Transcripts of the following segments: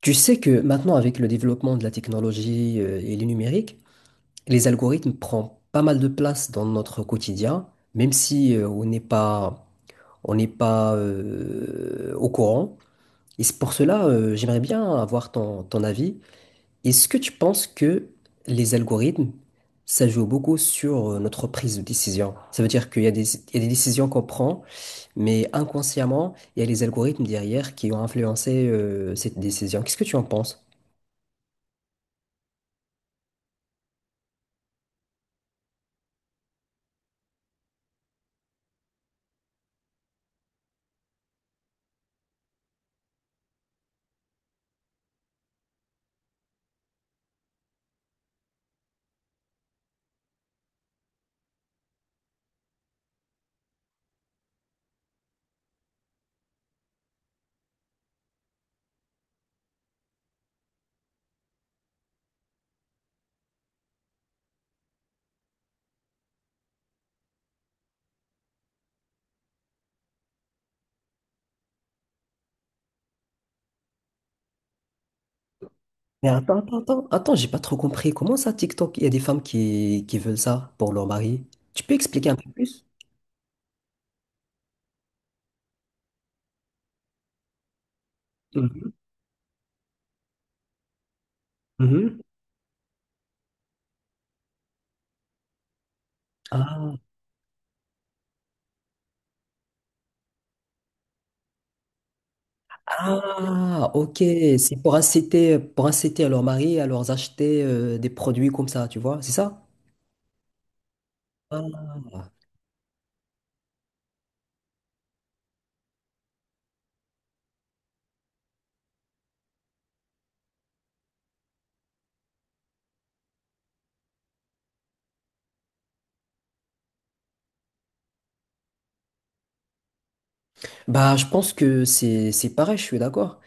Tu sais que maintenant, avec le développement de la technologie et le numérique, les algorithmes prennent pas mal de place dans notre quotidien, même si on n'est pas, on n'est pas au courant. Et c'est pour cela, j'aimerais bien avoir ton avis. Est-ce que tu penses que les algorithmes, ça joue beaucoup sur notre prise de décision? Ça veut dire qu'il y a il y a des décisions qu'on prend, mais inconsciemment, il y a les algorithmes derrière qui ont influencé cette décision. Qu'est-ce que tu en penses? Mais attends, j'ai pas trop compris. Comment ça, TikTok, il y a des femmes qui veulent ça pour leur mari? Tu peux expliquer un peu plus? Mhm, mhm. Ah, ah, ok. C'est pour inciter à leur mari à leur acheter des produits comme ça, tu vois, c'est ça? Ah. Bah, je pense que c'est pareil, je suis d'accord.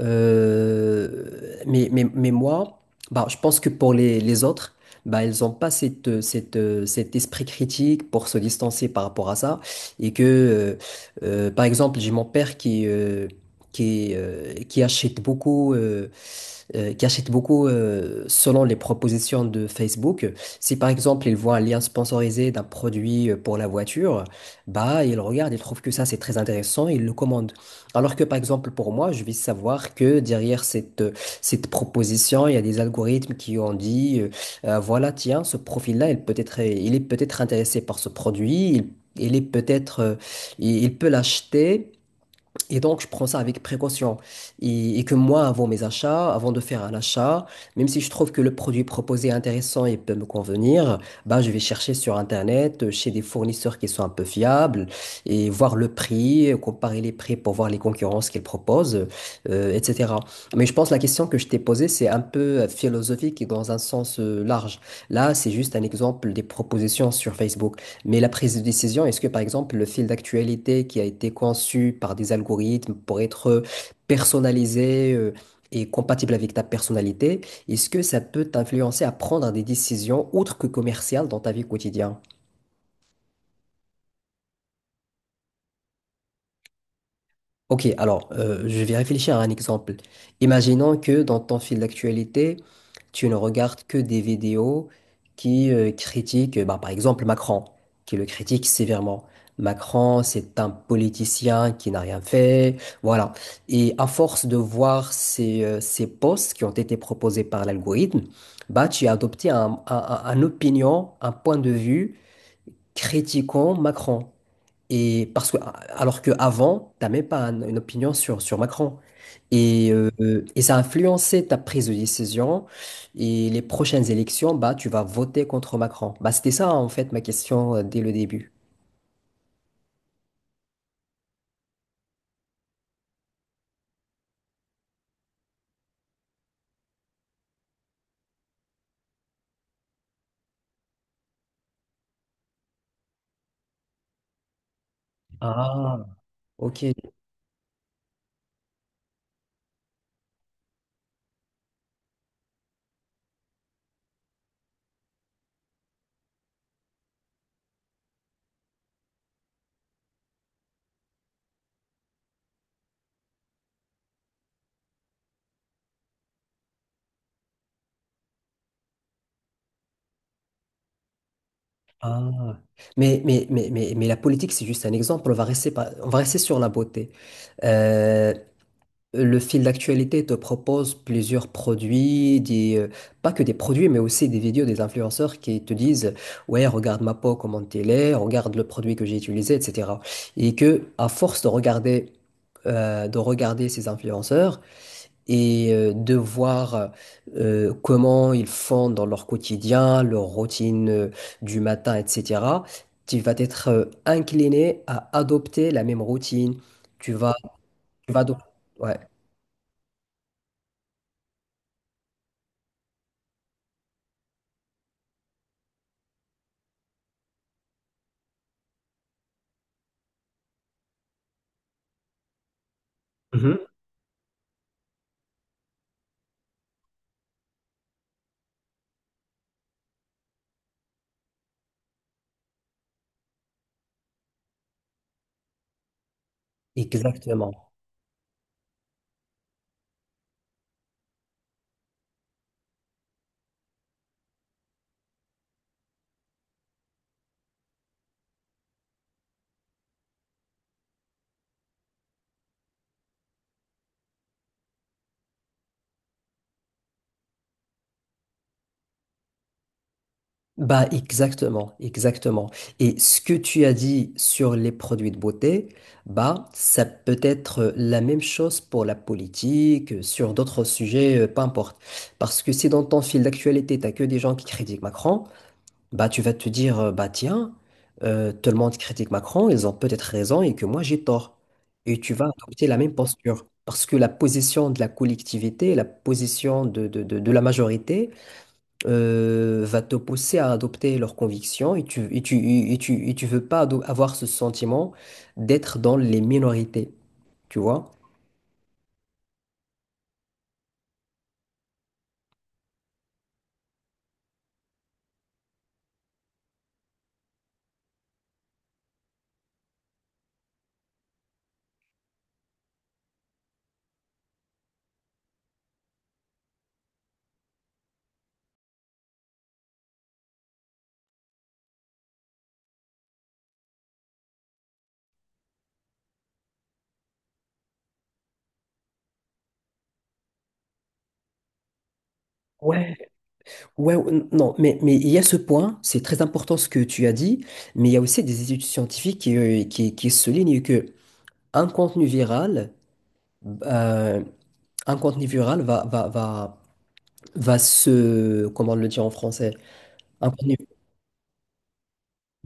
Mais moi, bah, je pense que pour les autres, bah, ils n'ont pas cette, cet esprit critique pour se distancer par rapport à ça. Et que, par exemple, j'ai mon père qui achète beaucoup. Qui achètent beaucoup selon les propositions de Facebook. Si par exemple ils voient un lien sponsorisé d'un produit pour la voiture, bah ils regardent, ils trouvent que ça c'est très intéressant, ils le commandent. Alors que par exemple pour moi, je vais savoir que derrière cette proposition, il y a des algorithmes qui ont dit voilà tiens ce profil-là, il peut être, il est peut-être intéressé par ce produit, il est peut-être, il peut l'acheter. Et donc, je prends ça avec précaution. Et que moi, avant mes achats, avant de faire un achat, même si je trouve que le produit proposé est intéressant et peut me convenir, bah, je vais chercher sur Internet, chez des fournisseurs qui sont un peu fiables, et voir le prix, comparer les prix pour voir les concurrences qu'ils proposent, etc. Mais je pense que la question que je t'ai posée, c'est un peu philosophique et dans un sens large. Là, c'est juste un exemple des propositions sur Facebook. Mais la prise de décision, est-ce que par exemple le fil d'actualité qui a été conçu par des algorithmes pour être personnalisé et compatible avec ta personnalité, est-ce que ça peut t'influencer à prendre des décisions autres que commerciales dans ta vie quotidienne? Ok, alors, je vais réfléchir à un exemple. Imaginons que dans ton fil d'actualité, tu ne regardes que des vidéos qui critiquent, bah, par exemple, Macron, qui le critique sévèrement. Macron, c'est un politicien qui n'a rien fait, voilà. Et à force de voir ces posts qui ont été proposés par l'algorithme, bah, tu as adopté un opinion, un point de vue critiquant Macron. Et parce que, alors qu'avant, tu n'as même pas une opinion sur Macron. Et, euh, et ça a influencé ta prise de décision. Et les prochaines élections, bah, tu vas voter contre Macron. Bah, c'était ça, en fait, ma question dès le début. Ah, ok. Ah. Mais la politique, c'est juste un exemple. On va rester sur la beauté. Euh, Le fil d'actualité te propose plusieurs produits, pas que des produits, mais aussi des vidéos des influenceurs qui te disent, ouais, regarde ma peau, comment elle est, regarde le produit que j'ai utilisé, etc. Et que, à force de regarder ces influenceurs et de voir comment ils font dans leur quotidien, leur routine du matin, etc., tu vas être incliné à adopter la même routine. Tu vas, tu vas adop- ouais. Exactement. Bah, exactement, exactement. Et ce que tu as dit sur les produits de beauté, bah, ça peut être la même chose pour la politique, sur d'autres sujets, peu importe. Parce que si dans ton fil d'actualité, t'as que des gens qui critiquent Macron, bah, tu vas te dire, bah, tiens, tout le monde critique Macron, ils ont peut-être raison et que moi, j'ai tort. Et tu vas adopter la même posture. Parce que la position de la collectivité, la position de de la majorité, va te pousser à adopter leurs convictions et tu veux pas ado- avoir ce sentiment d'être dans les minorités, tu vois? Ouais. Non, mais il y a ce point, c'est très important ce que tu as dit, mais il y a aussi des études scientifiques qui soulignent que un contenu viral, euh, un contenu viral va se, comment le dire en français?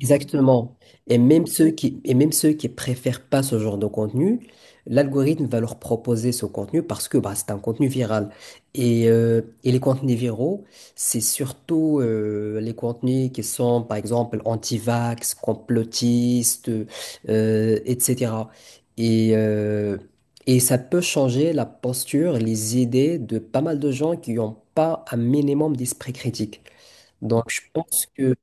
Exactement. Et même et même ceux qui préfèrent pas ce genre de contenu, l'algorithme va leur proposer ce contenu parce que bah, c'est un contenu viral. Et les contenus viraux, c'est surtout les contenus qui sont, par exemple, anti-vax, complotistes, etc. Et, euh, et ça peut changer la posture, les idées de pas mal de gens qui n'ont pas un minimum d'esprit critique. Donc, je pense que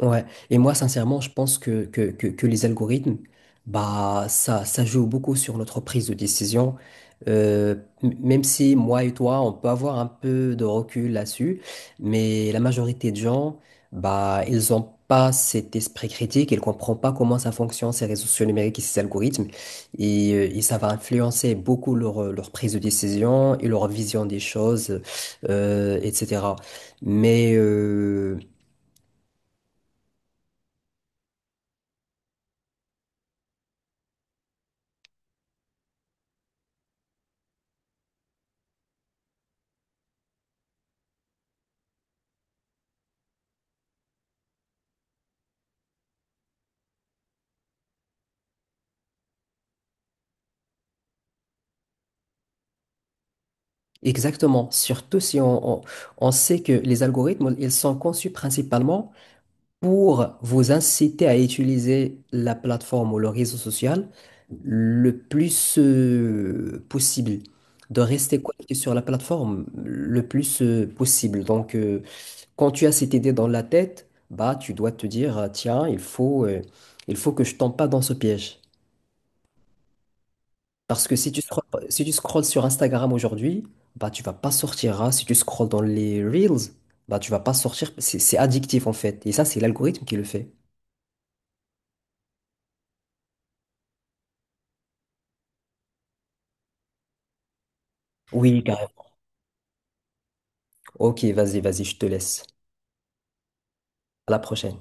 ouais, et moi sincèrement, je pense que les algorithmes, bah ça joue beaucoup sur notre prise de décision. Euh, Même si moi et toi, on peut avoir un peu de recul là-dessus, mais la majorité de gens, bah ils ont pas cet esprit critique, ils comprennent pas comment ça fonctionne ces réseaux sociaux numériques et ces algorithmes, et ça va influencer beaucoup leur prise de décision et leur vision des choses, etc. Mais exactement, surtout si on sait que les algorithmes, ils sont conçus principalement pour vous inciter à utiliser la plateforme ou le réseau social le plus possible, de rester connecté sur la plateforme le plus possible. Donc, quand tu as cette idée dans la tête, bah, tu dois te dire, tiens, il faut que je tombe pas dans ce piège. Parce que si tu scrolles, si tu scrolles sur Instagram aujourd'hui, bah tu vas pas sortir, hein. Si tu scrolles dans les Reels, bah tu vas pas sortir. C'est addictif en fait. Et ça, c'est l'algorithme qui le fait. Oui, carrément. Ok, vas-y, je te laisse. À la prochaine.